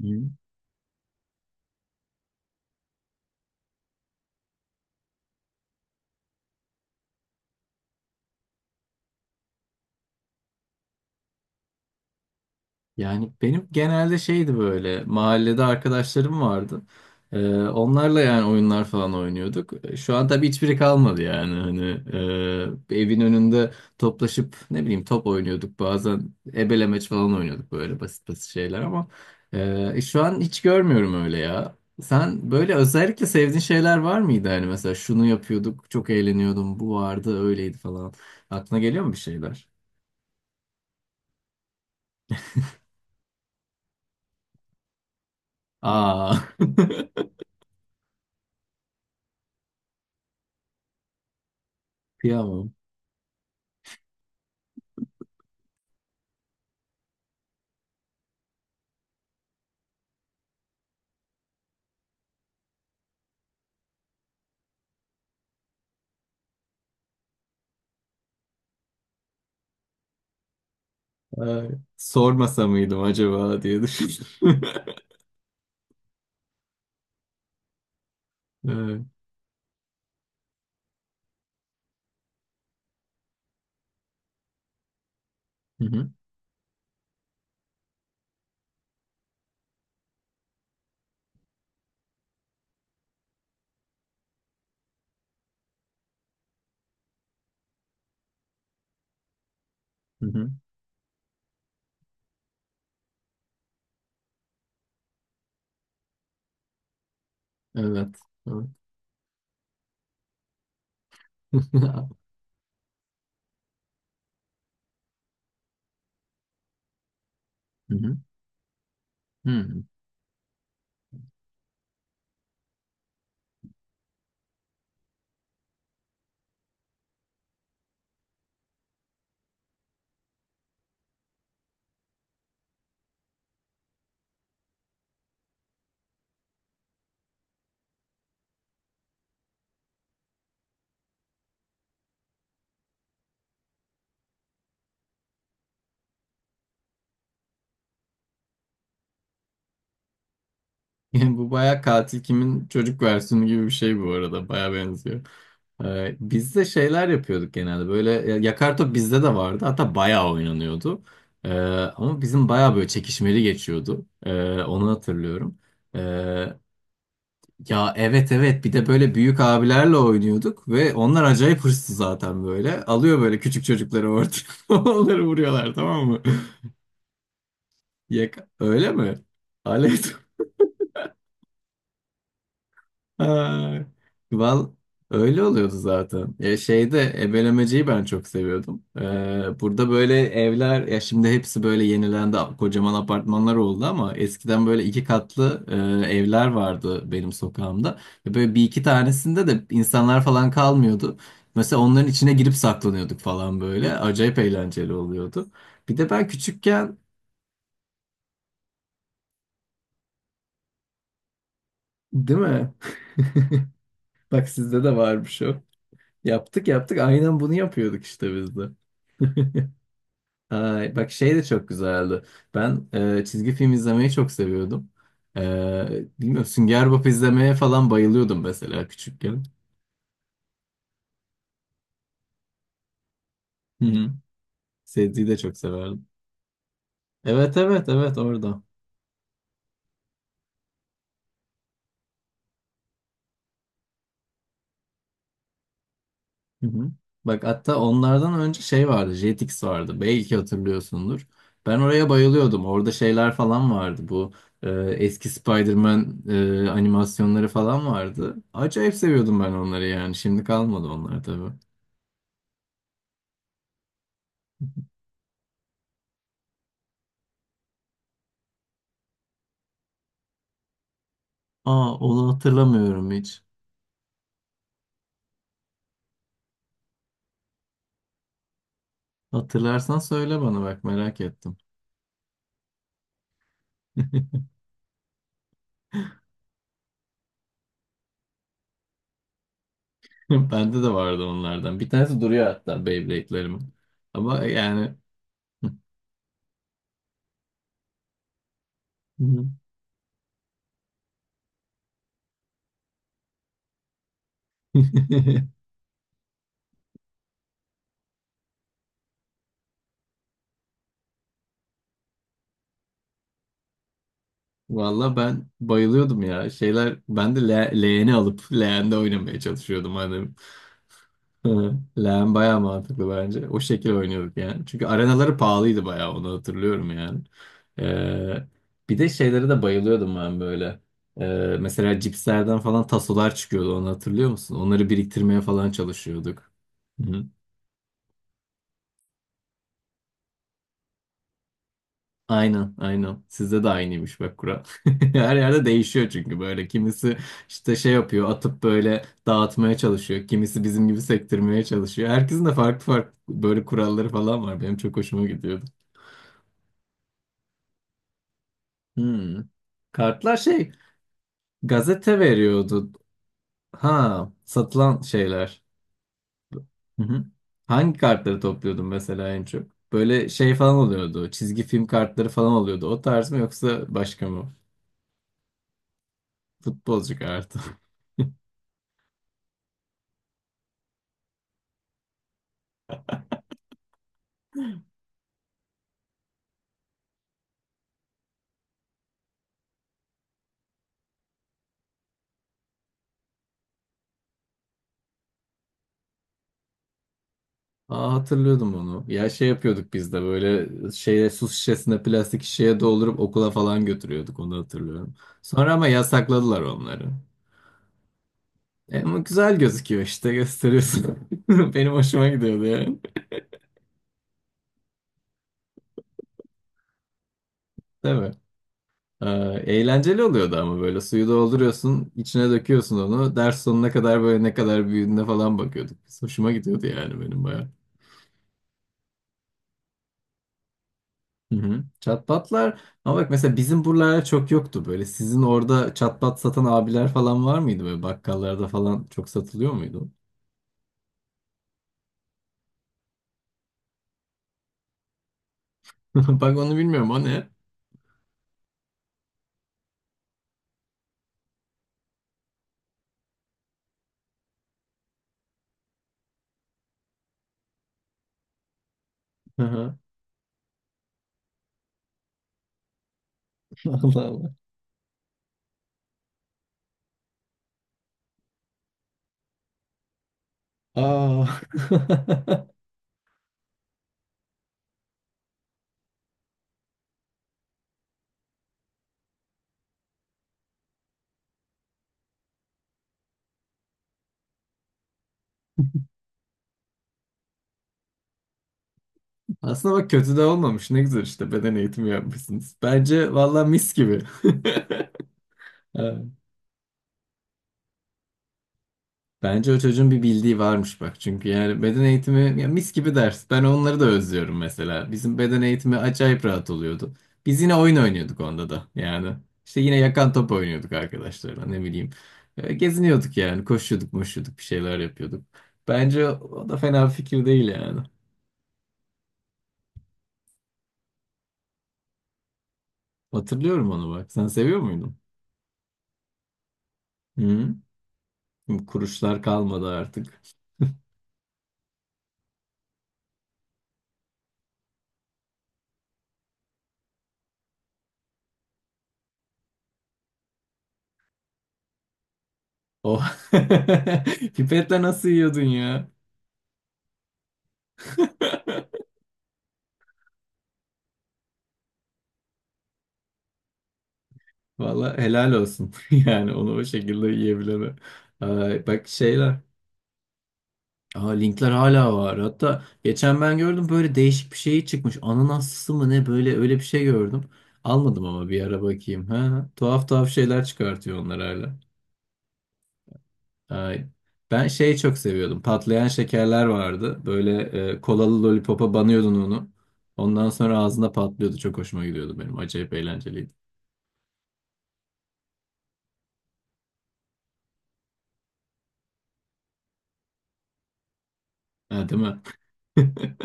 Hı. Yani benim genelde şeydi böyle mahallede arkadaşlarım vardı. Onlarla yani oyunlar falan oynuyorduk. Şu an tabii hiçbiri kalmadı yani hani evin önünde toplaşıp ne bileyim top oynuyorduk, bazen ebelemeç falan oynuyorduk, böyle basit basit şeyler ama şu an hiç görmüyorum öyle ya. Sen böyle özellikle sevdiğin şeyler var mıydı, hani mesela şunu yapıyorduk çok eğleniyordum bu vardı öyleydi falan, aklına geliyor mu bir şeyler? Aa. Kıyamam. Ay, sormasa mıydım acaba diye düşündüm. Evet. Hı hı, hı hı. Evet. Evet. Hı hı, hı. Yani bu baya katil kimin çocuk versiyonu gibi bir şey bu arada. Baya benziyor. Biz de şeyler yapıyorduk genelde. Böyle yakar top bizde de vardı. Hatta bayağı oynanıyordu. Ee, Ama bizim bayağı böyle çekişmeli geçiyordu. Onu hatırlıyorum. Ee, Ya, evet evet, bir de böyle büyük abilerle oynuyorduk ve onlar acayip hırslı zaten böyle. Alıyor böyle küçük çocukları ortaya onları vuruyorlar, tamam mı? Öyle mi? Alev. Ay, Val öyle oluyordu zaten. Ya, şeyde ebelemeciyi ben çok seviyordum. Burada böyle evler, ya şimdi hepsi böyle yenilendi, kocaman apartmanlar oldu, ama eskiden böyle iki katlı evler vardı benim sokağımda. Ve böyle bir iki tanesinde de insanlar falan kalmıyordu. Mesela onların içine girip saklanıyorduk falan böyle. Acayip eğlenceli oluyordu. Bir de ben küçükken değil mi? Bak sizde de varmış o. Yaptık yaptık. Aynen bunu yapıyorduk işte biz de. Ay, bak şey de çok güzeldi. Ben çizgi film izlemeyi çok seviyordum. E, bilmiyorum, Sünger Bob izlemeye falan bayılıyordum mesela küçükken. Hı hı. Sezgi'yi de çok severdim. Evet evet evet, orada. Hı hı. Bak hatta onlardan önce şey vardı, Jetix vardı. Belki hatırlıyorsundur. Ben oraya bayılıyordum. Orada şeyler falan vardı. Bu eski Spider-Man animasyonları falan vardı. Acayip seviyordum ben onları yani. Şimdi kalmadı onlar tabii. Aa, onu hatırlamıyorum hiç. Hatırlarsan söyle bana, bak merak ettim. Bende de vardı onlardan. Bir tanesi duruyor hatta Beyblade'lerimin. Ama yani Hı hı. Valla ben bayılıyordum ya. Şeyler, ben de leğeni alıp leğende oynamaya çalışıyordum annem. Leğen bayağı mantıklı bence. O şekil oynuyorduk yani. Çünkü arenaları pahalıydı bayağı, onu hatırlıyorum yani. Ee, Bir de şeylere de bayılıyordum ben böyle. Mesela cipslerden falan tasolar çıkıyordu, onu hatırlıyor musun? Onları biriktirmeye falan çalışıyorduk. Hı. Aynen, aynen. Sizde de aynıymış bak kural. Her yerde değişiyor çünkü böyle. Kimisi işte şey yapıyor, atıp böyle dağıtmaya çalışıyor. Kimisi bizim gibi sektirmeye çalışıyor. Herkesin de farklı farklı böyle kuralları falan var. Benim çok hoşuma gidiyordu. Hmm. Kartlar şey, gazete veriyordu. Ha, satılan şeyler. Hı hı. Hangi kartları topluyordun mesela en çok? Böyle şey falan oluyordu. Çizgi film kartları falan oluyordu. O tarz mı yoksa başka mı? Futbolcu kartı. Aa, hatırlıyordum onu. Ya, şey yapıyorduk biz de, böyle şeye su şişesine, plastik şişeye doldurup okula falan götürüyorduk, onu hatırlıyorum. Sonra ama yasakladılar onları. E, ama güzel gözüküyor işte, gösteriyorsun. Benim hoşuma gidiyordu yani. Değil mi? Ee, Eğlenceli oluyordu ama, böyle suyu dolduruyorsun, içine döküyorsun onu. Ders sonuna kadar böyle ne kadar büyüdüğüne falan bakıyorduk. Biz. Hoşuma gidiyordu yani benim bayağı. Hı hı. Çatbatlar ama bak, mesela bizim buralarda çok yoktu böyle. Sizin orada çatbat satan abiler falan var mıydı, böyle bakkallarda falan çok satılıyor muydu? Bak onu bilmiyorum, o ne? Hı hı. Allah Allah. Aa. Aslında bak kötü de olmamış, ne güzel işte beden eğitimi yapmışsınız. Bence valla mis gibi. Evet. Bence o çocuğun bir bildiği varmış bak. Çünkü yani beden eğitimi ya, mis gibi ders. Ben onları da özlüyorum mesela. Bizim beden eğitimi acayip rahat oluyordu. Biz yine oyun oynuyorduk onda da yani. İşte yine yakan top oynuyorduk arkadaşlarla, ne bileyim. E, geziniyorduk yani, koşuyorduk moşuyorduk, bir şeyler yapıyorduk. Bence o da fena bir fikir değil yani. Hatırlıyorum onu bak. Sen seviyor muydun? Hı? Kuruşlar kalmadı artık. Oh. Pipetle nasıl yiyordun ya? Valla helal olsun. Yani onu o şekilde yiyebileme. Ay, bak şeyler. Aa, linkler hala var. Hatta geçen ben gördüm, böyle değişik bir şey çıkmış. Ananaslı mı ne, böyle öyle bir şey gördüm. Almadım ama bir ara bakayım. Ha, tuhaf tuhaf şeyler çıkartıyor onlar hala. Ay. Ben şeyi çok seviyordum. Patlayan şekerler vardı. Böyle kolalı lollipopa banıyordun onu. Ondan sonra ağzında patlıyordu. Çok hoşuma gidiyordu benim. Acayip eğlenceliydi. Ha, değil mi?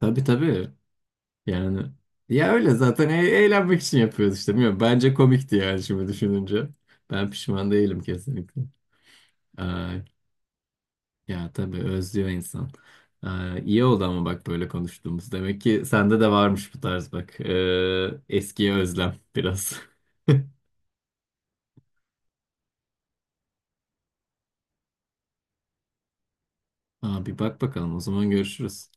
Tabii tabii. Yani ya öyle zaten, eğlenmek için yapıyoruz işte. Bilmiyorum. Bence komikti yani şimdi düşününce. Ben pişman değilim kesinlikle. Ay. Ya tabii özlüyor insan. İyi oldu ama bak böyle konuştuğumuz. Demek ki sende de varmış bu tarz bak. Eskiye özlem biraz. Abi bak bakalım, o zaman görüşürüz.